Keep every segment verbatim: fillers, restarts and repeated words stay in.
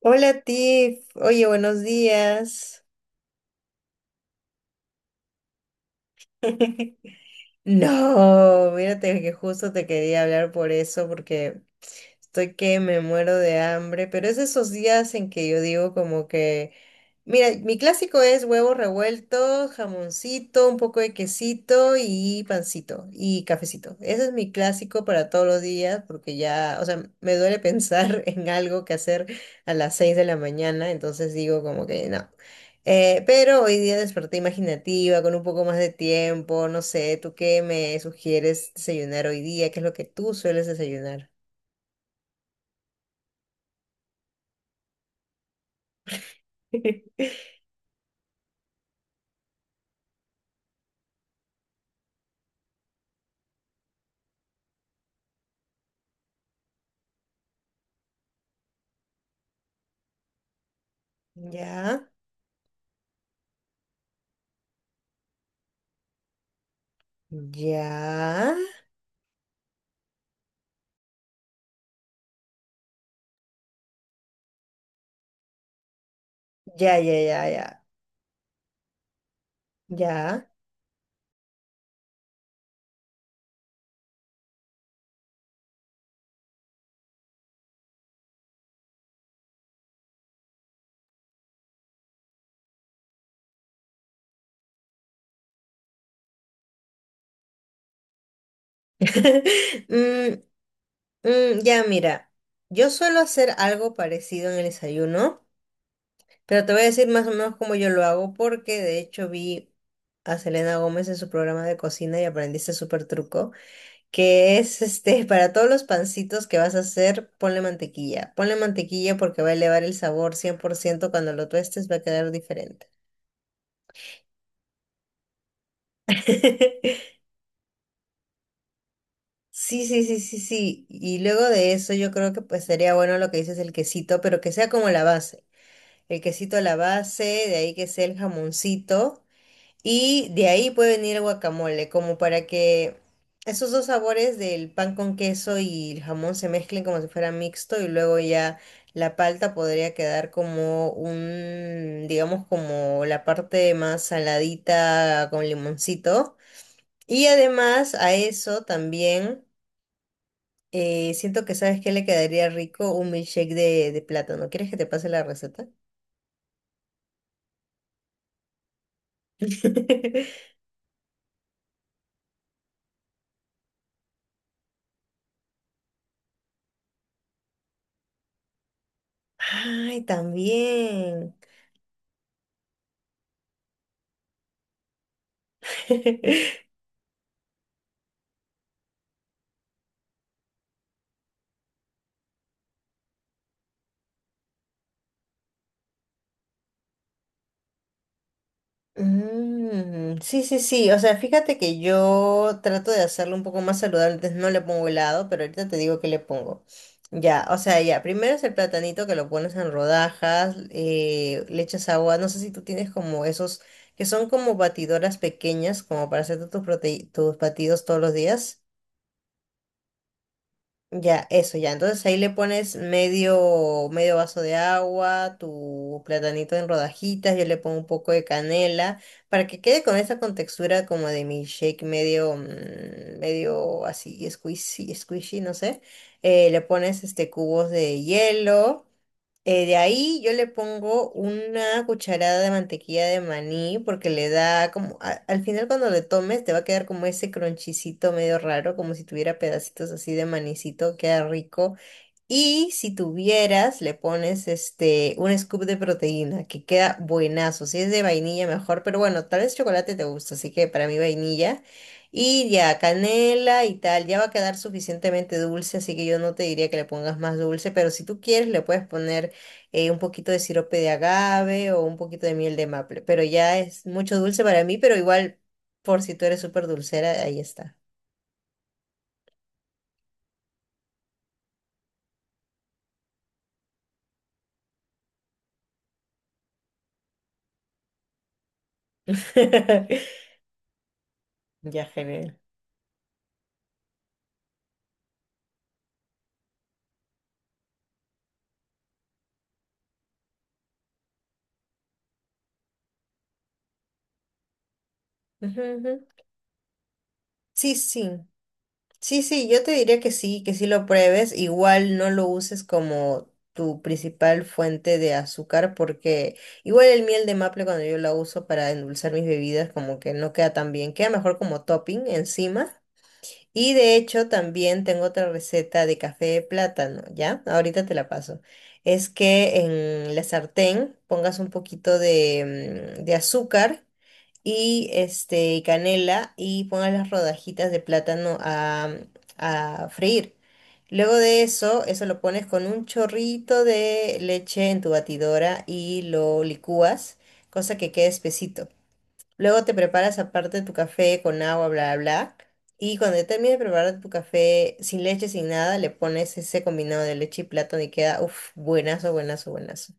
Hola Tiff, oye, buenos días. No, mírate que justo te quería hablar por eso, porque estoy que me muero de hambre, pero es esos días en que yo digo como que, mira, mi clásico es huevo revuelto, jamoncito, un poco de quesito y pancito y cafecito. Ese es mi clásico para todos los días porque ya, o sea, me duele pensar en algo que hacer a las seis de la mañana, entonces digo como que no. Eh, pero hoy día desperté imaginativa, con un poco más de tiempo, no sé, ¿tú qué me sugieres desayunar hoy día? ¿Qué es lo que tú sueles desayunar? Ya, ya, ya, ya, ya, ya, ya. Mm, mm, ya, mira, yo suelo hacer algo parecido en el desayuno, pero te voy a decir más o menos cómo yo lo hago, porque de hecho vi a Selena Gómez en su programa de cocina y aprendí este súper truco, que es este, para todos los pancitos que vas a hacer, ponle mantequilla. Ponle mantequilla porque va a elevar el sabor cien por ciento cuando lo tuestes, va a quedar diferente. Sí, sí, sí, sí, sí. Y luego de eso yo creo que pues sería bueno lo que dices, el quesito, pero que sea como la base. El quesito a la base, de ahí que sea el jamoncito y de ahí puede venir el guacamole, como para que esos dos sabores del pan con queso y el jamón se mezclen como si fuera mixto y luego ya la palta podría quedar como un, digamos, como la parte más saladita con limoncito. Y además a eso también... Eh, siento que sabes que le quedaría rico un milkshake de, de plátano. ¿Quieres que te pase la receta? Ay, también. Mm, sí, sí, sí. O sea, fíjate que yo trato de hacerlo un poco más saludable. Entonces no le pongo helado, pero ahorita te digo que le pongo. Ya, o sea, ya. Primero es el platanito que lo pones en rodajas, eh, le echas agua. No sé si tú tienes como esos que son como batidoras pequeñas, como para hacer tus prote- tus batidos todos los días. Ya, eso ya. Entonces ahí le pones medio, medio vaso de agua, tu platanito en rodajitas, yo le pongo un poco de canela para que quede con esa contextura como de mi shake medio, mm, medio así squishy, squishy, no sé. Eh, le pones este cubos de hielo. Eh, de ahí yo le pongo una cucharada de mantequilla de maní porque le da como, a- al final cuando le tomes te va a quedar como ese cronchicito medio raro, como si tuviera pedacitos así de manicito, queda rico. Y si tuvieras, le pones este, un scoop de proteína, que queda buenazo. Si es de vainilla, mejor, pero bueno, tal vez chocolate te gusta, así que para mí vainilla. Y ya, canela y tal, ya va a quedar suficientemente dulce, así que yo no te diría que le pongas más dulce, pero si tú quieres, le puedes poner eh, un poquito de sirope de agave o un poquito de miel de maple, pero ya es mucho dulce para mí, pero igual, por si tú eres súper dulcera, ahí está. Ya, genial. Ujú, ujú. Sí, sí. Sí, sí, yo te diría que sí, que sí lo pruebes. Igual no lo uses como tu principal fuente de azúcar, porque igual el miel de maple cuando yo la uso para endulzar mis bebidas, como que no queda tan bien, queda mejor como topping encima. Y de hecho también tengo otra receta de café de plátano, ¿ya? Ahorita te la paso. Es que en la sartén pongas un poquito de, mm, de azúcar y este y canela y pongas las rodajitas de plátano a, a freír. Luego de eso, eso lo pones con un chorrito de leche en tu batidora y lo licúas, cosa que quede espesito. Luego te preparas aparte tu café con agua, bla, bla, bla. Y cuando ya termines de preparar tu café sin leche, sin nada, le pones ese combinado de leche y plátano y queda, uff, buenazo, buenazo, buenazo.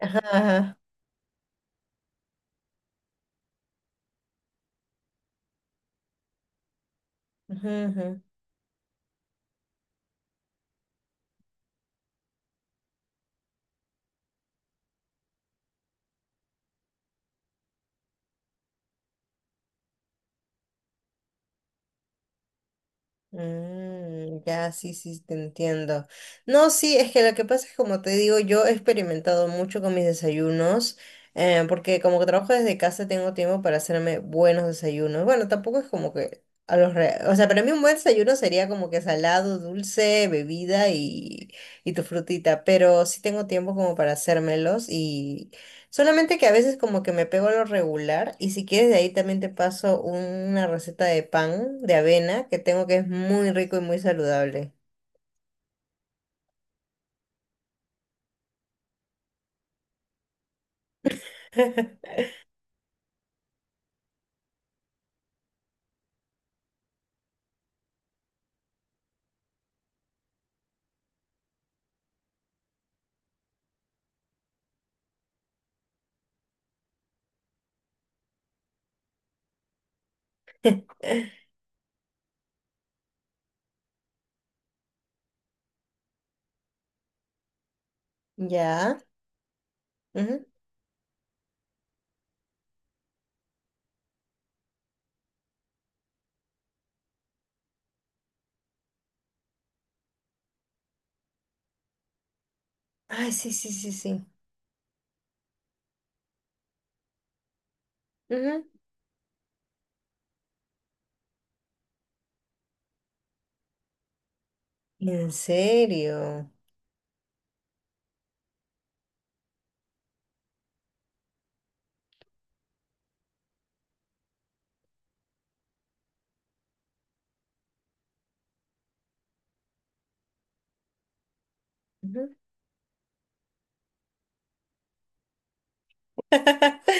Ajá, ajá. Ujú, ujú. Mm, ya, sí, sí, te entiendo. No, sí, es que lo que pasa es, como te digo, yo he experimentado mucho con mis desayunos, eh, porque como que trabajo desde casa, tengo tiempo para hacerme buenos desayunos. Bueno, tampoco es como que a los re... O sea, para mí un buen desayuno sería como que salado, dulce, bebida y, y tu frutita, pero sí tengo tiempo como para hacérmelos. Solamente que a veces como que me pego a lo regular y si quieres de ahí también te paso una receta de pan de avena que tengo que es muy rico y muy saludable. Ya. Ujú. Ay, sí, sí, sí, sí. Ujú. ¿En serio? Ujú.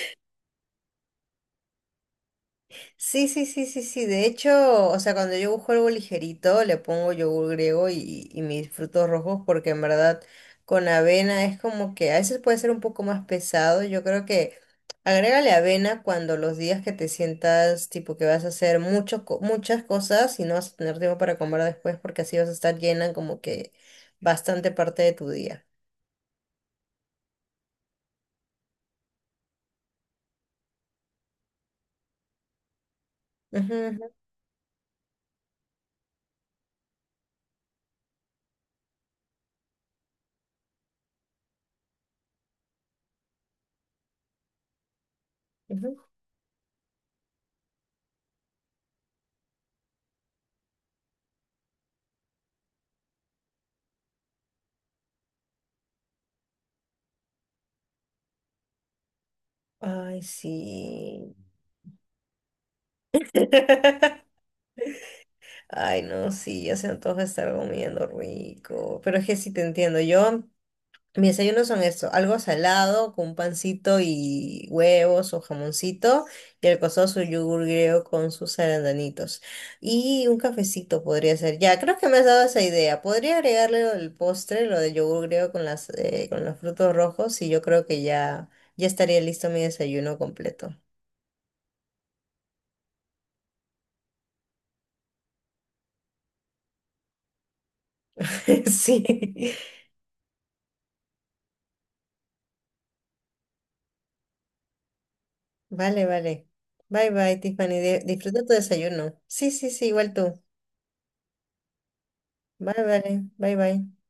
Sí, sí, sí, sí, sí. De hecho, o sea, cuando yo busco algo ligerito, le pongo yogur griego y, y mis frutos rojos, porque en verdad con avena es como que a veces puede ser un poco más pesado. Yo creo que agrégale avena cuando los días que te sientas tipo que vas a hacer mucho, co- muchas cosas y no vas a tener tiempo para comer después, porque así vas a estar llena como que bastante parte de tu día. Ujú, ujú, ujú. Ay, sí. Ay, no, sí, ya se antoja estar comiendo rico. Pero es que sí te entiendo. Yo, mis desayunos son esto, algo salado con un pancito y huevos o jamoncito y el costoso yogur griego con sus arandanitos. Y un cafecito podría ser. Ya, creo que me has dado esa idea. Podría agregarle lo del postre, lo del yogur griego con las, eh, con los frutos rojos y yo creo que ya, ya estaría listo mi desayuno completo. Sí. Vale, vale. Bye, bye, Tiffany. di- Disfruta tu desayuno. Sí, sí, sí, igual tú. Vale, vale. Bye, bye.